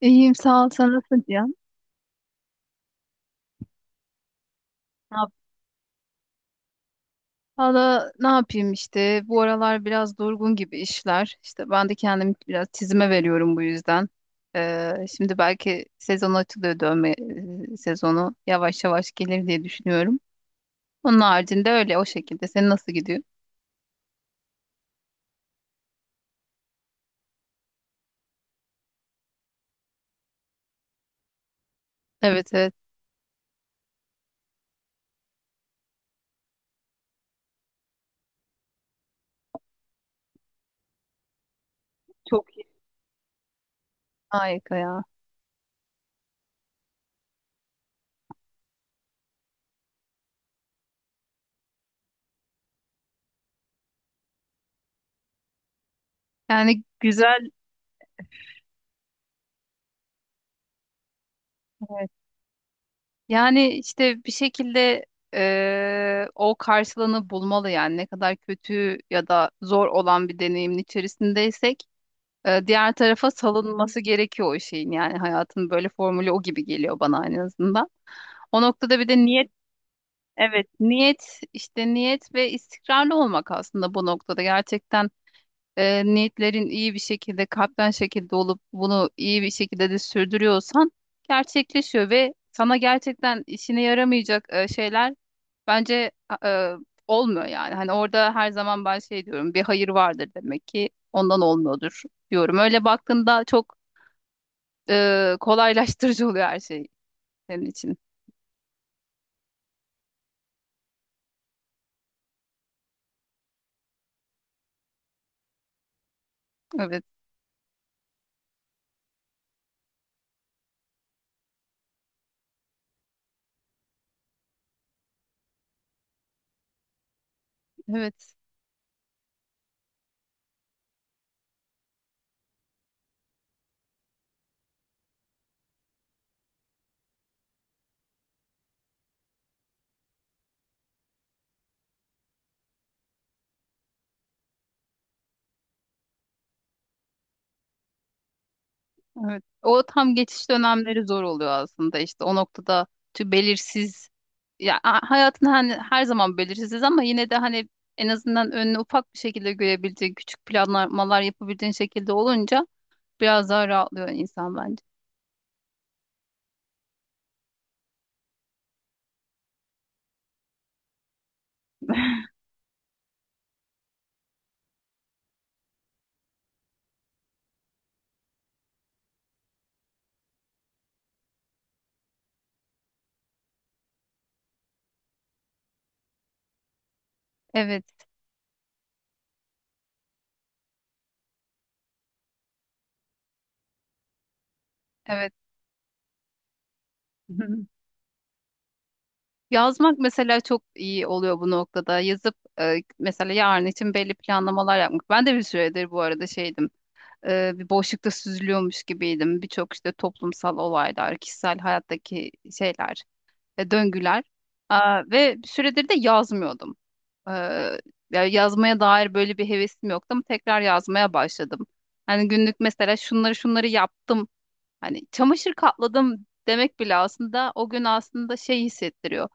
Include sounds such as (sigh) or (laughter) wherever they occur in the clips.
İyiyim sağ ol, sen nasıl diyorsun? Ne yap- Valla ne yapayım işte, bu aralar biraz durgun gibi işler. İşte ben de kendimi biraz çizime veriyorum bu yüzden. Şimdi belki sezon açılıyor, dövme sezonu yavaş yavaş gelir diye düşünüyorum. Onun haricinde öyle, o şekilde. Senin nasıl gidiyor? Evet, evet, çok iyi. Harika ya. Yani güzel. Evet. Yani işte bir şekilde o karşılığını bulmalı, yani ne kadar kötü ya da zor olan bir deneyimin içerisindeysek diğer tarafa salınması gerekiyor o şeyin. Yani hayatın böyle formülü o gibi geliyor bana, en azından. O noktada bir de niyet, evet, niyet, işte niyet ve istikrarlı olmak aslında bu noktada. Gerçekten niyetlerin iyi bir şekilde kalpten şekilde olup bunu iyi bir şekilde de sürdürüyorsan gerçekleşiyor, ve sana gerçekten işine yaramayacak şeyler bence e, olmuyor yani. Hani orada her zaman ben şey diyorum, bir hayır vardır demek ki, ondan olmuyordur diyorum. Öyle baktığında çok kolaylaştırıcı oluyor her şey senin için. Evet, evet, evet. O tam geçiş dönemleri zor oluyor aslında, işte o noktada belirsiz. Hayatın hani her zaman belirsiz, ama yine de hani en azından önünü ufak bir şekilde görebildiğin, küçük planlamalar yapabildiğin şekilde olunca biraz daha rahatlıyor insan bence. Evet, evet. (laughs) Yazmak mesela çok iyi oluyor bu noktada. Yazıp mesela yarın için belli planlamalar yapmak. Ben de bir süredir bu arada şeydim. Bir boşlukta süzülüyormuş gibiydim. Birçok işte toplumsal olaylar, kişisel hayattaki şeyler, döngüler. Ve bir süredir de yazmıyordum. Ee, Ya yazmaya dair böyle bir hevesim yoktu, ama tekrar yazmaya başladım. Hani günlük mesela, şunları şunları yaptım. Hani çamaşır katladım demek bile aslında o gün aslında şey hissettiriyor.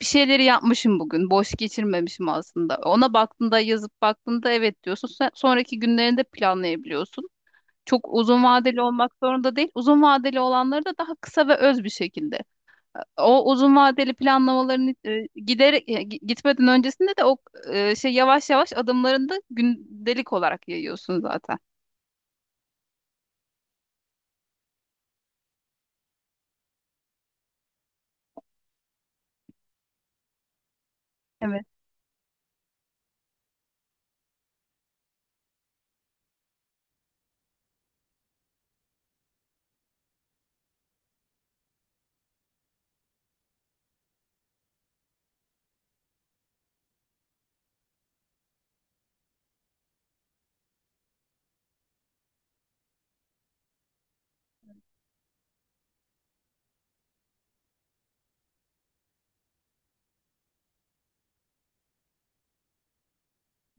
Bir şeyleri yapmışım bugün. Boş geçirmemişim aslında. Ona baktığında, yazıp baktığında evet diyorsun. Sonraki günlerini de planlayabiliyorsun. Çok uzun vadeli olmak zorunda değil. Uzun vadeli olanları da daha kısa ve öz bir şekilde. O uzun vadeli planlamaların giderek gitmeden öncesinde de o şey yavaş yavaş adımlarını da gündelik olarak yayıyorsun zaten. Evet.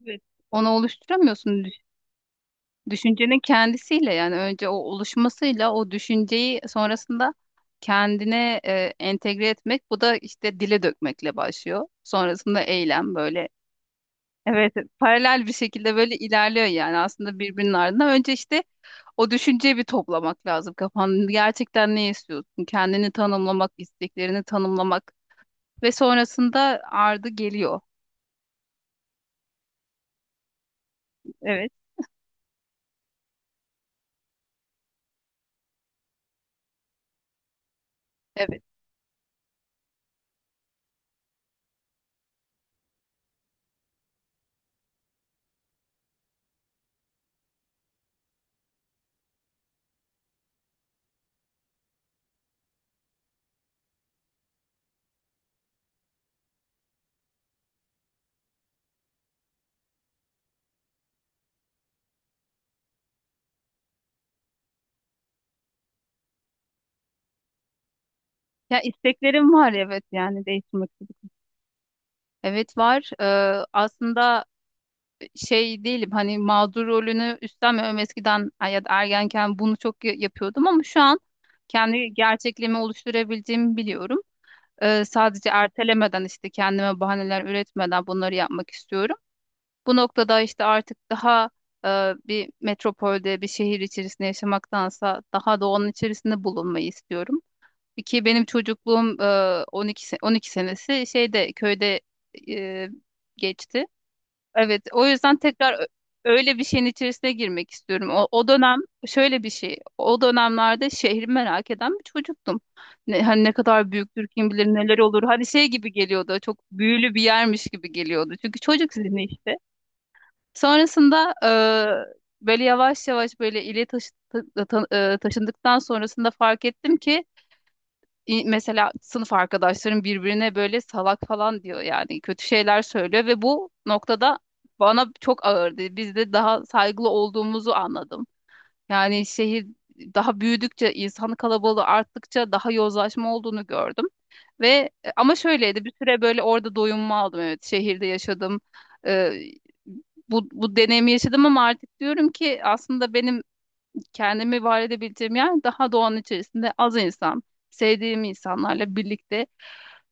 Evet. Onu oluşturamıyorsun. Düşüncenin kendisiyle yani, önce o oluşmasıyla o düşünceyi sonrasında kendine entegre etmek, bu da işte dile dökmekle başlıyor. Sonrasında eylem böyle, evet, paralel bir şekilde böyle ilerliyor yani aslında birbirinin ardından. Önce işte o düşünceyi bir toplamak lazım kafanı. Gerçekten ne istiyorsun? Kendini tanımlamak, isteklerini tanımlamak ve sonrasında ardı geliyor. Evet, evet. Ya isteklerim var, evet, yani değişmek gibi. Evet var. Aslında şey değilim, hani mağdur rolünü üstlenmiyorum. Eskiden ya da ergenken bunu çok yapıyordum, ama şu an kendi gerçekliğimi oluşturabildiğimi biliyorum. Sadece ertelemeden, işte kendime bahaneler üretmeden bunları yapmak istiyorum. Bu noktada işte artık daha e, bir metropolde, bir şehir içerisinde yaşamaktansa daha doğanın içerisinde bulunmayı istiyorum. Ki benim çocukluğum 12 12 senesi şeyde köyde e, geçti. Evet, o yüzden tekrar öyle bir şeyin içerisine girmek istiyorum. O dönem şöyle bir şey. O dönemlerde şehri merak eden bir çocuktum. Ne, hani ne kadar büyüktür, kim bilir neler olur. Hani şey gibi geliyordu. Çok büyülü bir yermiş gibi geliyordu. Çünkü çocuk zihni işte. Sonrasında böyle yavaş yavaş böyle ile ta- ta- taşındıktan sonrasında fark ettim ki mesela sınıf arkadaşlarım birbirine böyle salak falan diyor, yani kötü şeyler söylüyor ve bu noktada bana çok ağırdı. Biz de daha saygılı olduğumuzu anladım. Yani şehir daha büyüdükçe, insan kalabalığı arttıkça daha yozlaşma olduğunu gördüm. Ve ama şöyleydi, bir süre böyle orada doyumma aldım, evet şehirde yaşadım. Ee, Bu deneyimi yaşadım, ama artık diyorum ki aslında benim kendimi var edebileceğim yer daha doğanın içerisinde, az insan, sevdiğim insanlarla birlikte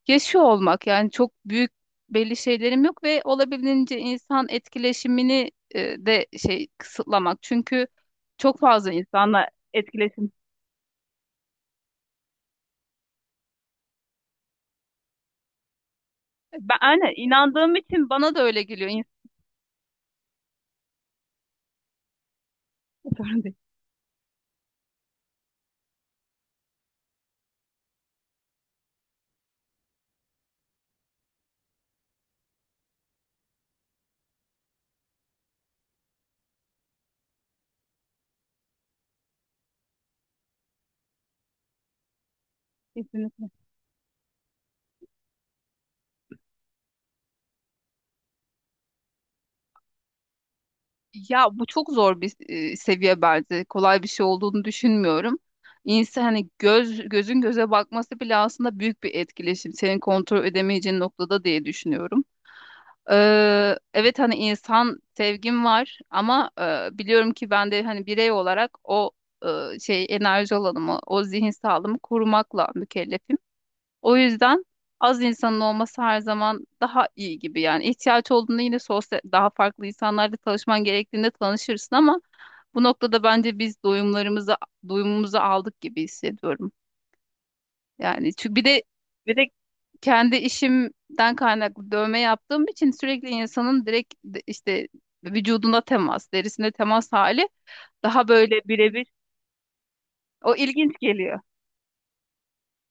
yaşıyor olmak. Yani çok büyük belli şeylerim yok ve olabildiğince insan etkileşimini e, de şey kısıtlamak. Çünkü çok fazla insanla etkileşim. Ben aynen inandığım için bana da öyle geliyor. İnsan. (laughs) Sorun değil. Kesinlikle. Ya bu çok zor bir seviye bence. Kolay bir şey olduğunu düşünmüyorum. İnsan hani göz, gözün göze bakması bile aslında büyük bir etkileşim. Senin kontrol edemeyeceğin noktada diye düşünüyorum. Evet, hani insan sevgim var, ama biliyorum ki ben de hani birey olarak o şey enerji alanımı, o zihin sağlığımı korumakla mükellefim. O yüzden az insanın olması her zaman daha iyi gibi, yani. İhtiyaç olduğunda yine sosyal, daha farklı insanlarla tanışman gerektiğinde tanışırsın, ama bu noktada bence biz doyumlarımızı, doyumumuzu aldık gibi hissediyorum. Yani çünkü bir de kendi işimden kaynaklı dövme yaptığım için sürekli insanın direkt işte vücuduna temas, derisine temas hali daha böyle birebir, o ilginç geliyor.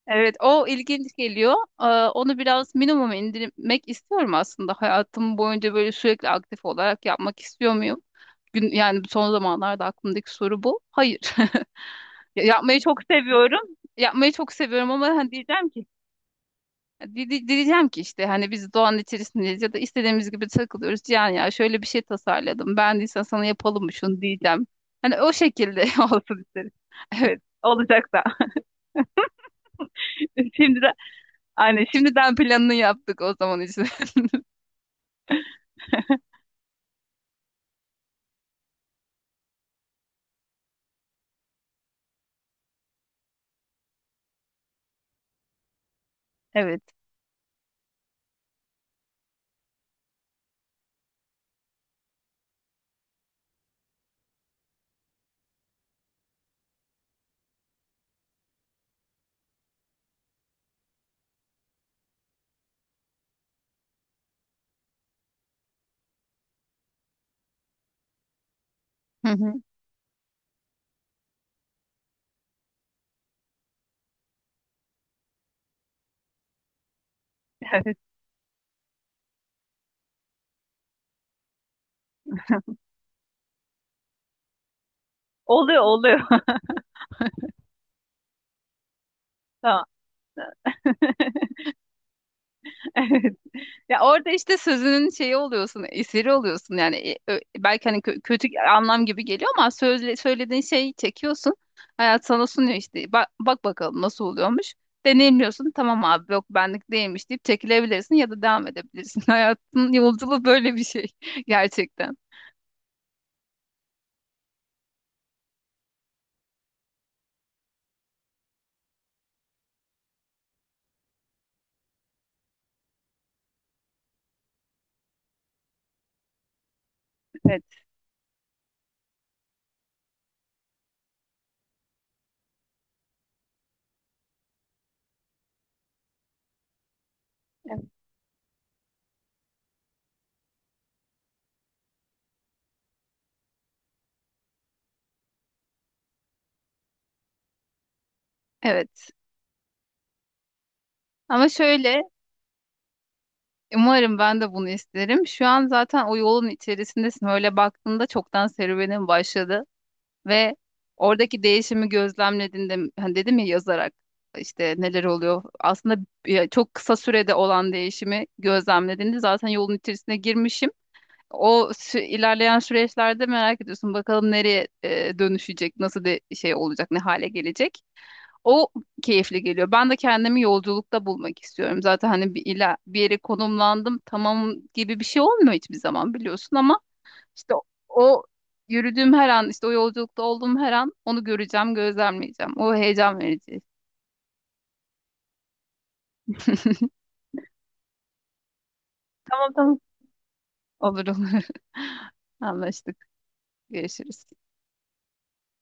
Evet, o ilginç geliyor. Onu biraz minimum indirmek istiyorum aslında. Hayatım boyunca böyle sürekli aktif olarak yapmak istiyor muyum? Gün, yani son zamanlarda aklımdaki soru bu. Hayır. (laughs) Yapmayı çok seviyorum. Yapmayı çok seviyorum, ama hani diyeceğim ki diyeceğim ki işte hani biz doğanın içerisindeyiz ya da istediğimiz gibi takılıyoruz. Cihan ya şöyle bir şey tasarladım, beğendiysen sana yapalım mı şunu, diyeceğim. Hani o şekilde (laughs) olsun isterim. Evet, olacak da. (laughs) Şimdiden. Aynen, şimdiden planını yaptık o zaman için. (laughs) Evet. Hı hı. Evet. Oluyor, oluyor. (laughs) Tamam. (laughs) Evet. Ya orada işte sözünün şeyi oluyorsun, esiri oluyorsun yani. Belki hani kötü anlam gibi geliyor, ama sözle söylediğin şeyi çekiyorsun. Hayat sana sunuyor işte. Bak, bak bakalım nasıl oluyormuş. Deneyimliyorsun. Tamam abi, yok benlik değilmiş deyip çekilebilirsin ya da devam edebilirsin. (laughs) Hayatın yolculuğu böyle bir şey (laughs) gerçekten. Evet. Evet. Ama şöyle, umarım ben de bunu isterim. Şu an zaten o yolun içerisindesin. Öyle baktığında çoktan serüvenin başladı ve oradaki değişimi gözlemlediğinde hani, dedim ya, yazarak işte neler oluyor. Aslında ya çok kısa sürede olan değişimi gözlemlediğinde zaten yolun içerisine girmişim. İlerleyen süreçlerde merak ediyorsun, bakalım nereye dönüşecek, nasıl bir şey olacak, ne hale gelecek. O keyifli geliyor. Ben de kendimi yolculukta bulmak istiyorum. Zaten hani bir, ila, bir yere konumlandım tamam gibi bir şey olmuyor hiçbir zaman biliyorsun, ama işte o yürüdüğüm her an, işte o yolculukta olduğum her an onu göreceğim, gözlemleyeceğim. O heyecan verici. Tamam, tamam. Olur, olur. (laughs) Anlaştık. Görüşürüz.